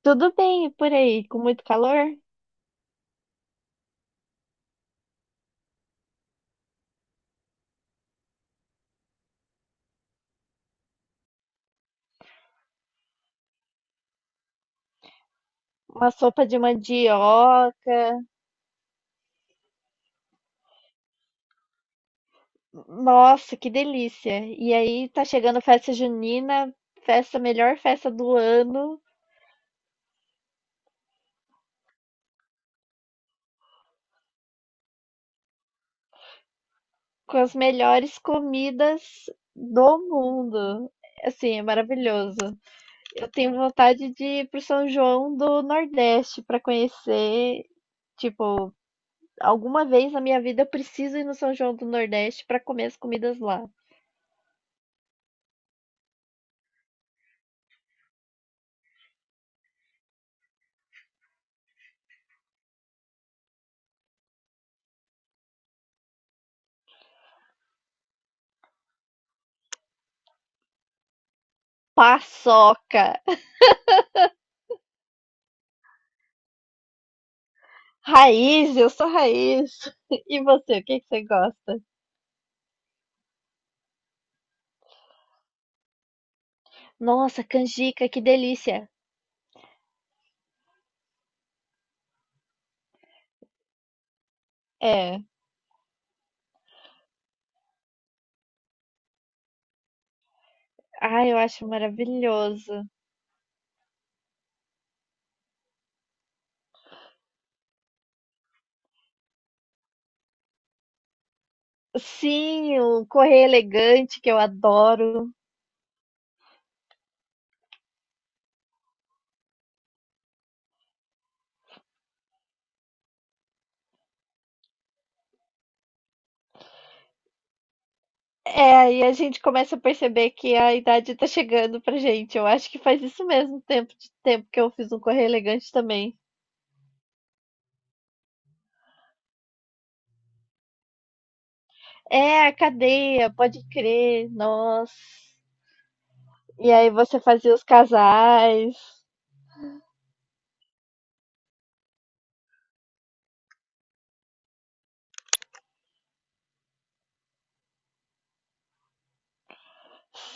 Tudo bem e por aí, com muito calor? Uma sopa de mandioca. Nossa, que delícia! E aí tá chegando festa junina, festa, melhor festa do ano, com as melhores comidas do mundo. Assim, é maravilhoso. Eu tenho vontade de ir pro São João do Nordeste para conhecer, tipo, alguma vez na minha vida eu preciso ir no São João do Nordeste para comer as comidas lá. Paçoca! Raiz, eu sou raiz. E você, o que que você gosta? Nossa, canjica, que delícia. É. Ai, eu acho maravilhoso. Sim, o correr elegante, que eu adoro. É, e a gente começa a perceber que a idade tá chegando pra gente. Eu acho que faz isso mesmo, tempo de tempo que eu fiz um correr elegante também. É, a cadeia, pode crer, nossa. E aí você fazia os casais.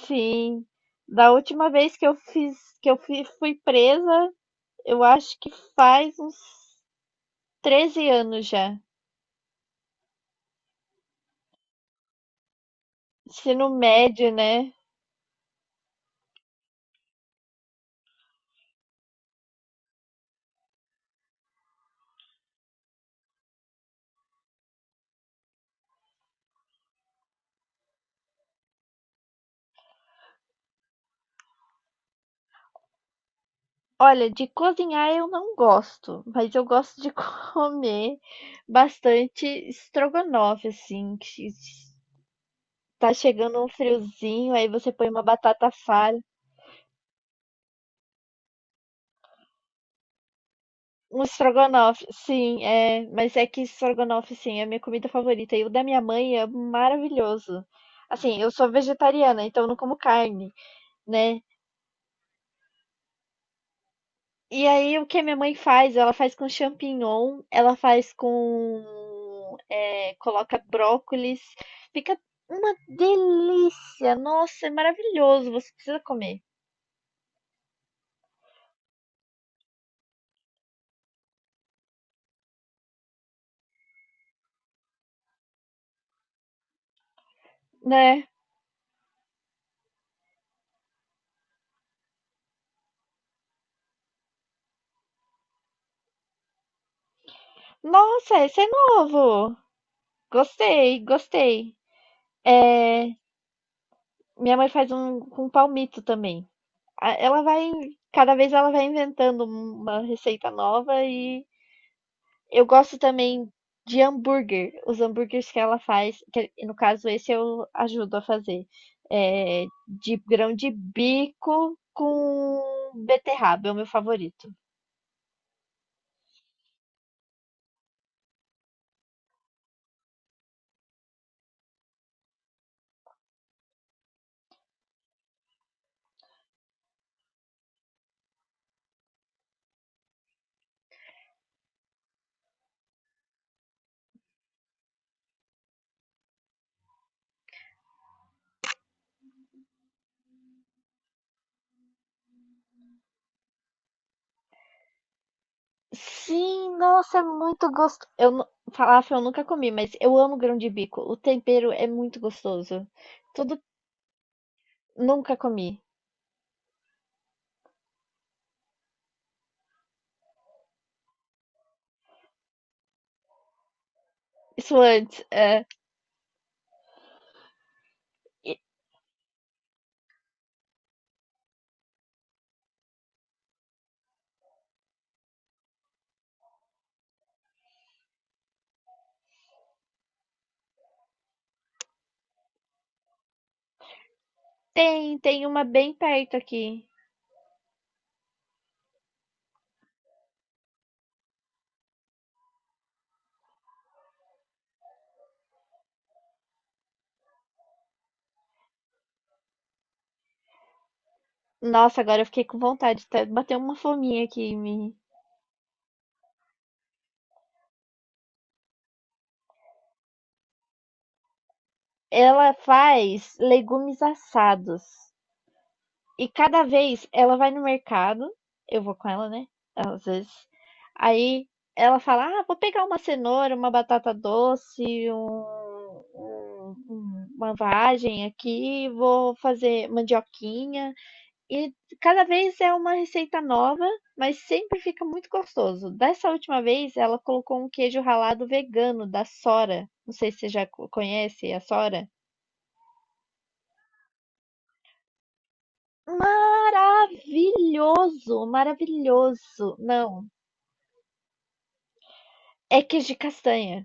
Sim. Da última vez que eu fui presa, eu acho que faz uns 13 anos já. Ensino médio, né? Olha, de cozinhar eu não gosto, mas eu gosto de comer bastante estrogonofe, assim, que tá chegando um friozinho, aí você põe uma batata palha. Um estrogonofe, sim, é. Mas é que estrogonofe, sim, é a minha comida favorita. E o da minha mãe é maravilhoso. Assim, eu sou vegetariana, então eu não como carne, né? E aí, o que a minha mãe faz? Ela faz com champignon, ela faz com, é, coloca brócolis. Fica uma delícia! Nossa, é maravilhoso! Você precisa comer, né? Nossa, esse é novo! Gostei, gostei. É, minha mãe faz um com palmito também. a- ela vai, cada vez ela vai inventando um, uma receita nova e eu gosto também de hambúrguer. Os hambúrgueres que ela faz, que no caso esse eu ajudo a fazer, é, de grão de bico com beterraba, é o meu favorito. Sim, nossa, é muito gostoso. Falafel eu nunca comi, mas eu amo grão de bico. O tempero é muito gostoso. Tudo nunca comi. Isso antes, é. E tem, tem uma bem perto aqui. Nossa, agora eu fiquei com vontade, bateu uma fominha aqui em mim. Ela faz legumes assados. E cada vez ela vai no mercado, eu vou com ela, né? Às vezes. Aí ela fala: "Ah, vou pegar uma cenoura, uma batata doce, uma vagem aqui, vou fazer mandioquinha." E cada vez é uma receita nova, mas sempre fica muito gostoso. Dessa última vez, ela colocou um queijo ralado vegano da Sora. Não sei se você já conhece a Sora. Maravilhoso, maravilhoso. Não, é queijo de castanha.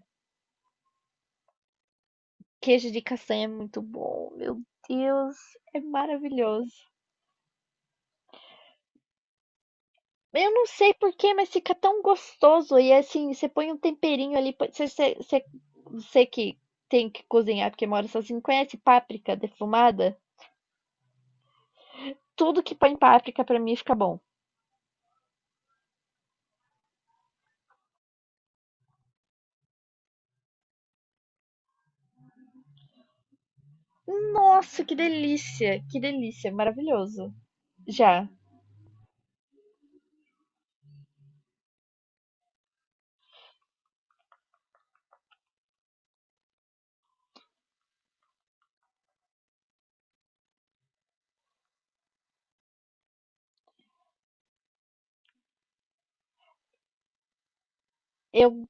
Queijo de castanha é muito bom, meu Deus, é maravilhoso. Eu não sei porquê, mas fica tão gostoso. E assim, você põe um temperinho ali. Você você que tem que cozinhar porque mora sozinho, conhece páprica defumada? Tudo que põe páprica pra mim fica bom. Nossa, que delícia! Que delícia! Maravilhoso. Já. Eu,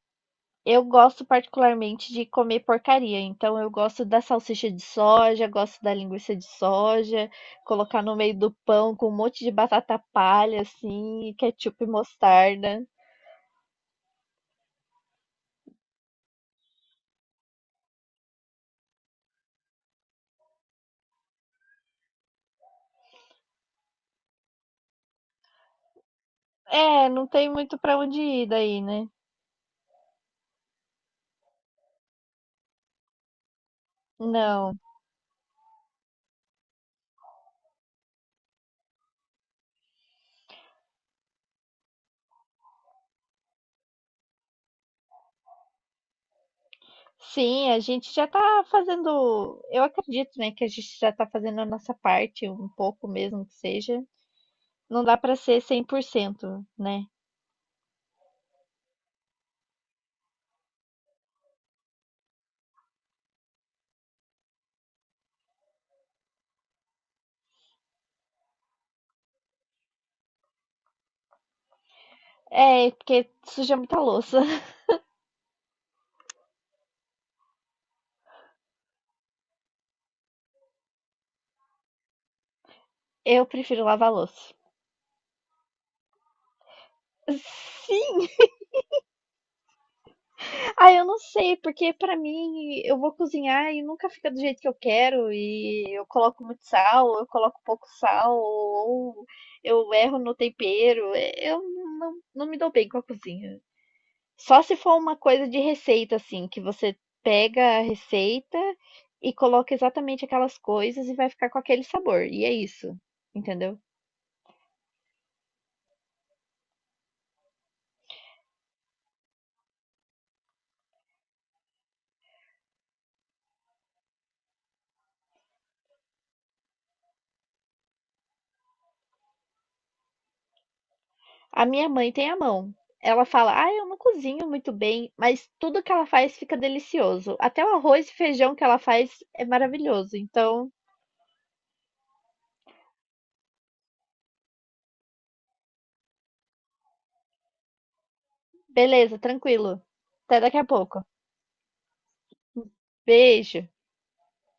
eu gosto particularmente de comer porcaria, então eu gosto da salsicha de soja, gosto da linguiça de soja, colocar no meio do pão com um monte de batata palha, assim, e ketchup e mostarda. É, não tem muito para onde ir daí, né? Não. Sim, a gente já tá fazendo. Eu acredito, né, que a gente já tá fazendo a nossa parte, um pouco mesmo que seja. Não dá para ser 100%, né? É, porque suja muita louça. Eu prefiro lavar louça. Sim. Ah, eu não sei, porque pra mim eu vou cozinhar e nunca fica do jeito que eu quero, e eu coloco muito sal, ou eu coloco pouco sal, ou eu erro no tempero. Eu não me dou bem com a cozinha. Só se for uma coisa de receita, assim, que você pega a receita e coloca exatamente aquelas coisas e vai ficar com aquele sabor. E é isso, entendeu? A minha mãe tem a mão. Ela fala: "Ah, eu não cozinho muito bem", mas tudo que ela faz fica delicioso. Até o arroz e feijão que ela faz é maravilhoso. Então, beleza, tranquilo. Até daqui a pouco. Beijo.